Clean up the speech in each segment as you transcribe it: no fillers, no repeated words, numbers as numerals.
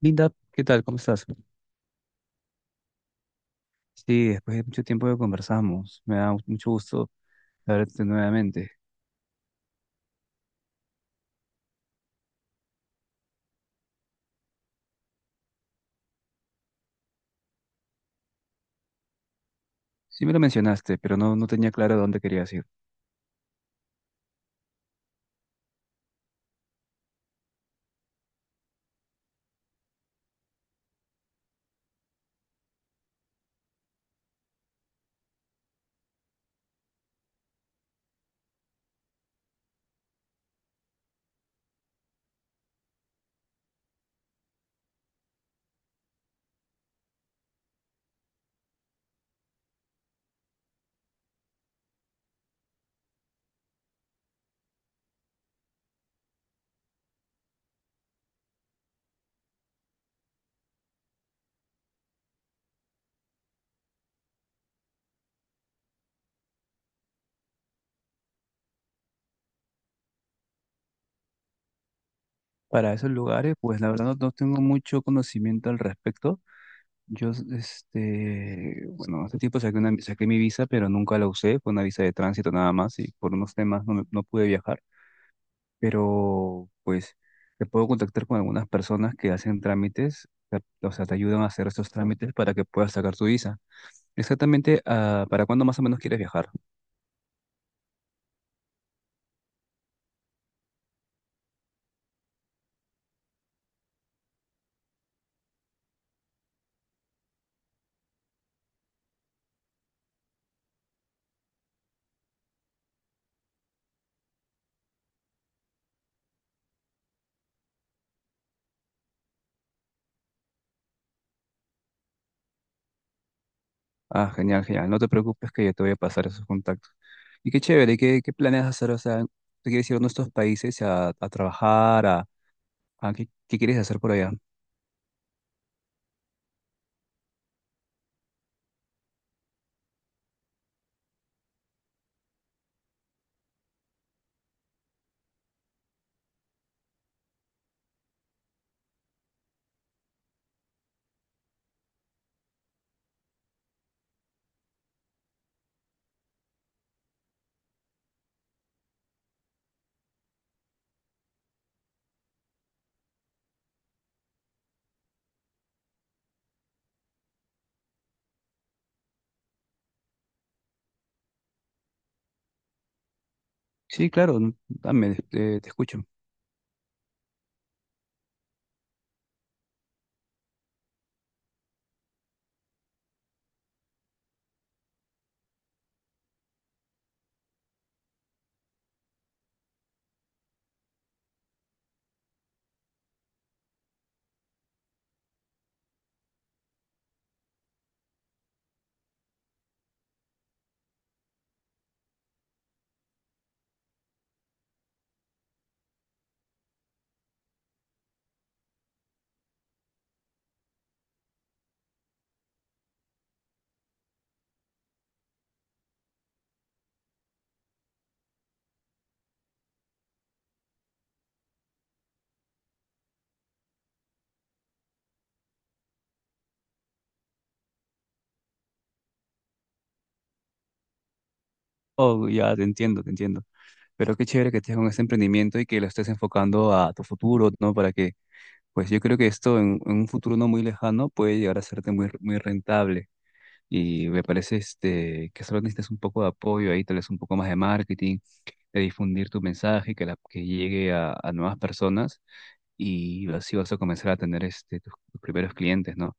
Linda, ¿qué tal? ¿Cómo estás? Sí, después de mucho tiempo que conversamos, me da mucho gusto verte nuevamente. Sí me lo mencionaste, pero no tenía claro a dónde querías ir. Para esos lugares, pues la verdad no tengo mucho conocimiento al respecto. Yo, este, bueno, hace tiempo saqué mi visa, pero nunca la usé. Fue una visa de tránsito nada más y por unos temas no pude viajar. Pero, pues, te puedo contactar con algunas personas que hacen trámites, o sea, te ayudan a hacer esos trámites para que puedas sacar tu visa. Exactamente, ¿para cuándo más o menos quieres viajar? Ah, genial, genial. No te preocupes que yo te voy a pasar esos contactos. Y qué chévere, ¿qué planeas hacer? O sea, ¿te quieres ir a nuestros países a trabajar? A ¿qué quieres hacer por allá? Sí, claro, dame, te escucho. Oh, ya te entiendo, te entiendo. Pero qué chévere que estés con ese emprendimiento y que lo estés enfocando a tu futuro, ¿no? Para que, pues yo creo que esto en un futuro no muy lejano puede llegar a serte muy rentable. Y me parece este, que solo necesitas un poco de apoyo ahí, tal vez un poco más de marketing, de difundir tu mensaje, que llegue a nuevas personas y así vas a comenzar a tener este, tus primeros clientes, ¿no?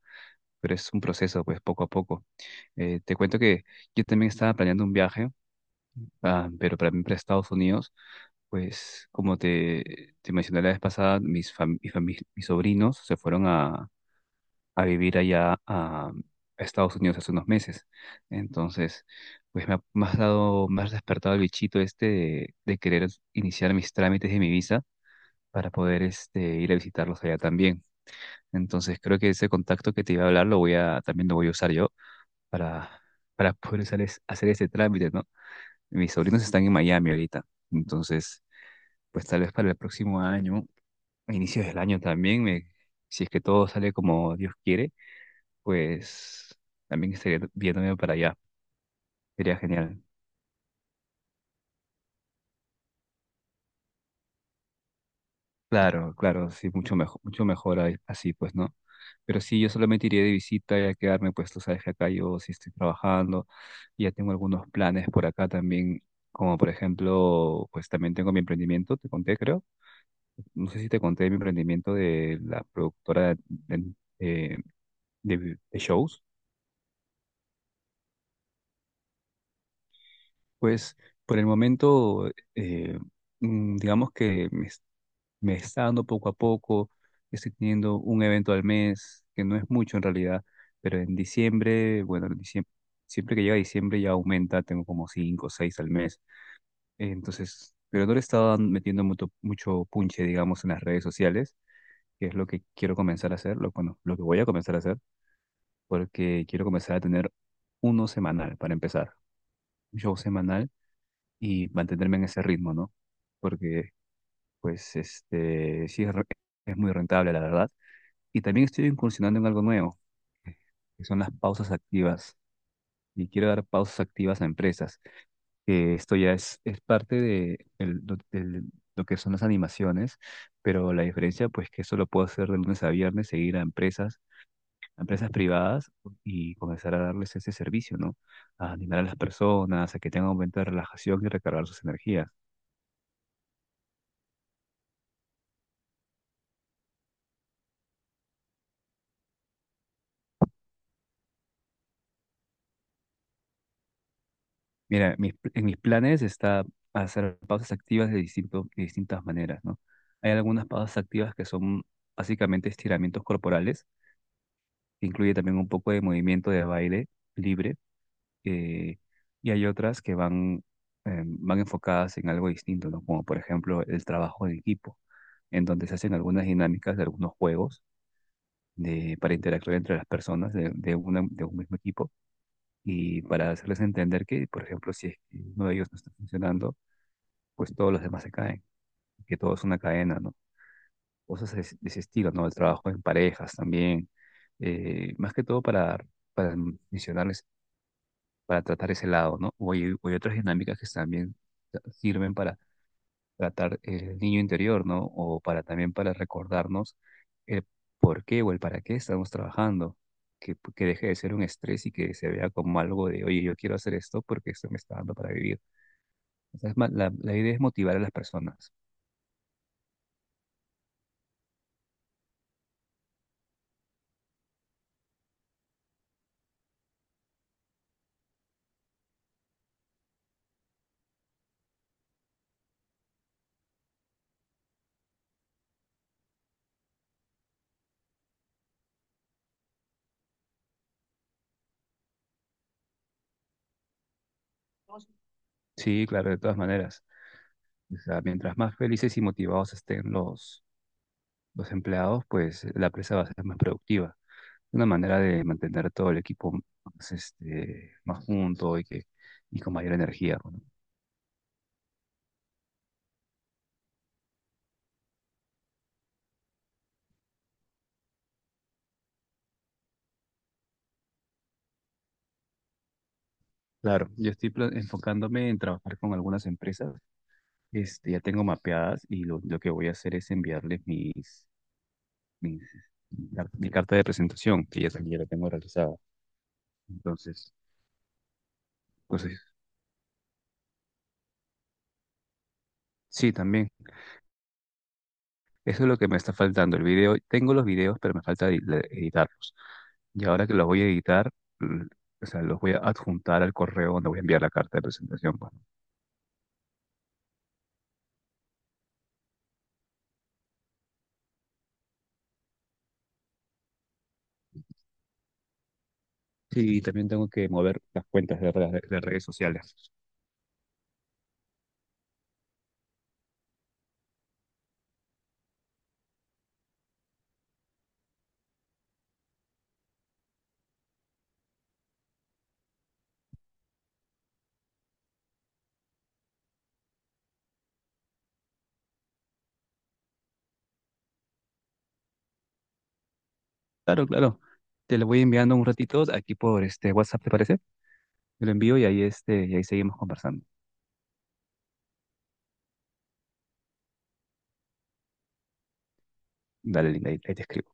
Pero es un proceso, pues poco a poco. Te cuento que yo también estaba planeando un viaje, ah, pero para mí para Estados Unidos, pues como te mencioné la vez pasada, mis, fam- mi fami- mis sobrinos se fueron a vivir allá a Estados Unidos hace unos meses. Entonces, pues me has dado, me has despertado el bichito este de querer iniciar mis trámites de mi visa para poder este, ir a visitarlos allá también. Entonces, creo que ese contacto que te iba a hablar lo voy a, también lo voy a usar yo para, para poder hacer ese trámite, ¿no? Mis sobrinos están en Miami ahorita. Entonces, pues tal vez para el próximo año, a inicios del año también, me, si es que todo sale como Dios quiere pues también estaría viéndome para allá. Sería genial. Claro, claro, sí, mucho mejor, así, pues, ¿no? Pero sí, yo solamente iría de visita y a quedarme, pues, tú sabes que acá yo sí estoy trabajando, y ya tengo algunos planes por acá también, como por ejemplo, pues también tengo mi emprendimiento, te conté, creo. No sé si te conté mi emprendimiento de la productora de- de shows. Pues, por el momento, mm, digamos que me está dando poco a poco, estoy teniendo un evento al mes, que no es mucho en realidad, pero en diciembre, bueno, en diciembre, siempre que llega diciembre ya aumenta, tengo como cinco o seis al mes. Entonces, pero no le estaba metiendo mucho punche, digamos, en las redes sociales, que es lo que quiero comenzar a hacer, lo que voy a comenzar a hacer, porque quiero comenzar a tener uno semanal para empezar, un show semanal y mantenerme en ese ritmo, ¿no? Porque, pues, este, es muy rentable, la verdad. Y también estoy incursionando en algo nuevo, que son las pausas activas. Y quiero dar pausas activas a empresas, que esto ya es parte de lo que son las animaciones, pero la diferencia pues que eso lo puedo hacer de lunes a viernes, seguir a empresas privadas y comenzar a darles ese servicio, ¿no? A animar a las personas, a que tengan un momento de relajación y recargar sus energías. Mira, mis, en mis planes está hacer pausas activas de distintas maneras, ¿no? Hay algunas pausas activas que son básicamente estiramientos corporales, que incluye también un poco de movimiento de baile libre, eh, y hay otras que van, van enfocadas en algo distinto, ¿no? Como por ejemplo el trabajo en equipo, en donde se hacen algunas dinámicas de algunos juegos de, para interactuar entre las personas de un mismo equipo y para hacerles entender que, por ejemplo, si es que uno de ellos no está funcionando, pues todos los demás se caen, que todo es una cadena, ¿no? Cosas de ese estilo, ¿no? El trabajo en parejas también, más que todo para mencionarles, para tratar ese lado, ¿no? O hay otras dinámicas que también sirven para tratar el niño interior, ¿no? O para también para recordarnos el por qué o el para qué estamos trabajando. Que deje de ser un estrés y que se vea como algo de, oye, yo quiero hacer esto porque esto me está dando para vivir. O sea, es más, la idea es motivar a las personas. Sí, claro, de todas maneras. O sea, mientras más felices y motivados estén los empleados, pues la empresa va a ser más productiva. Una manera de mantener todo el equipo más, este, más junto y, que, y con mayor energía. ¿No? Claro, yo estoy enfocándome en trabajar con algunas empresas. Este, ya tengo mapeadas y lo que voy a hacer es enviarles mis, mis, mi mi carta de presentación, que ya, ya la tengo realizada. Entonces, entonces, sí, también. Eso es lo que me está faltando. El video, tengo los videos, pero me falta editarlos. Y ahora que los voy a editar, l- o sea, los voy a adjuntar al correo donde voy a enviar la carta de presentación, pues. Sí, y también tengo que mover las cuentas de redes sociales. Claro, claro. Te lo voy enviando un ratito aquí por este WhatsApp, ¿te parece? Te lo envío y ahí, este, y ahí seguimos conversando. Dale, linda, ahí te escribo.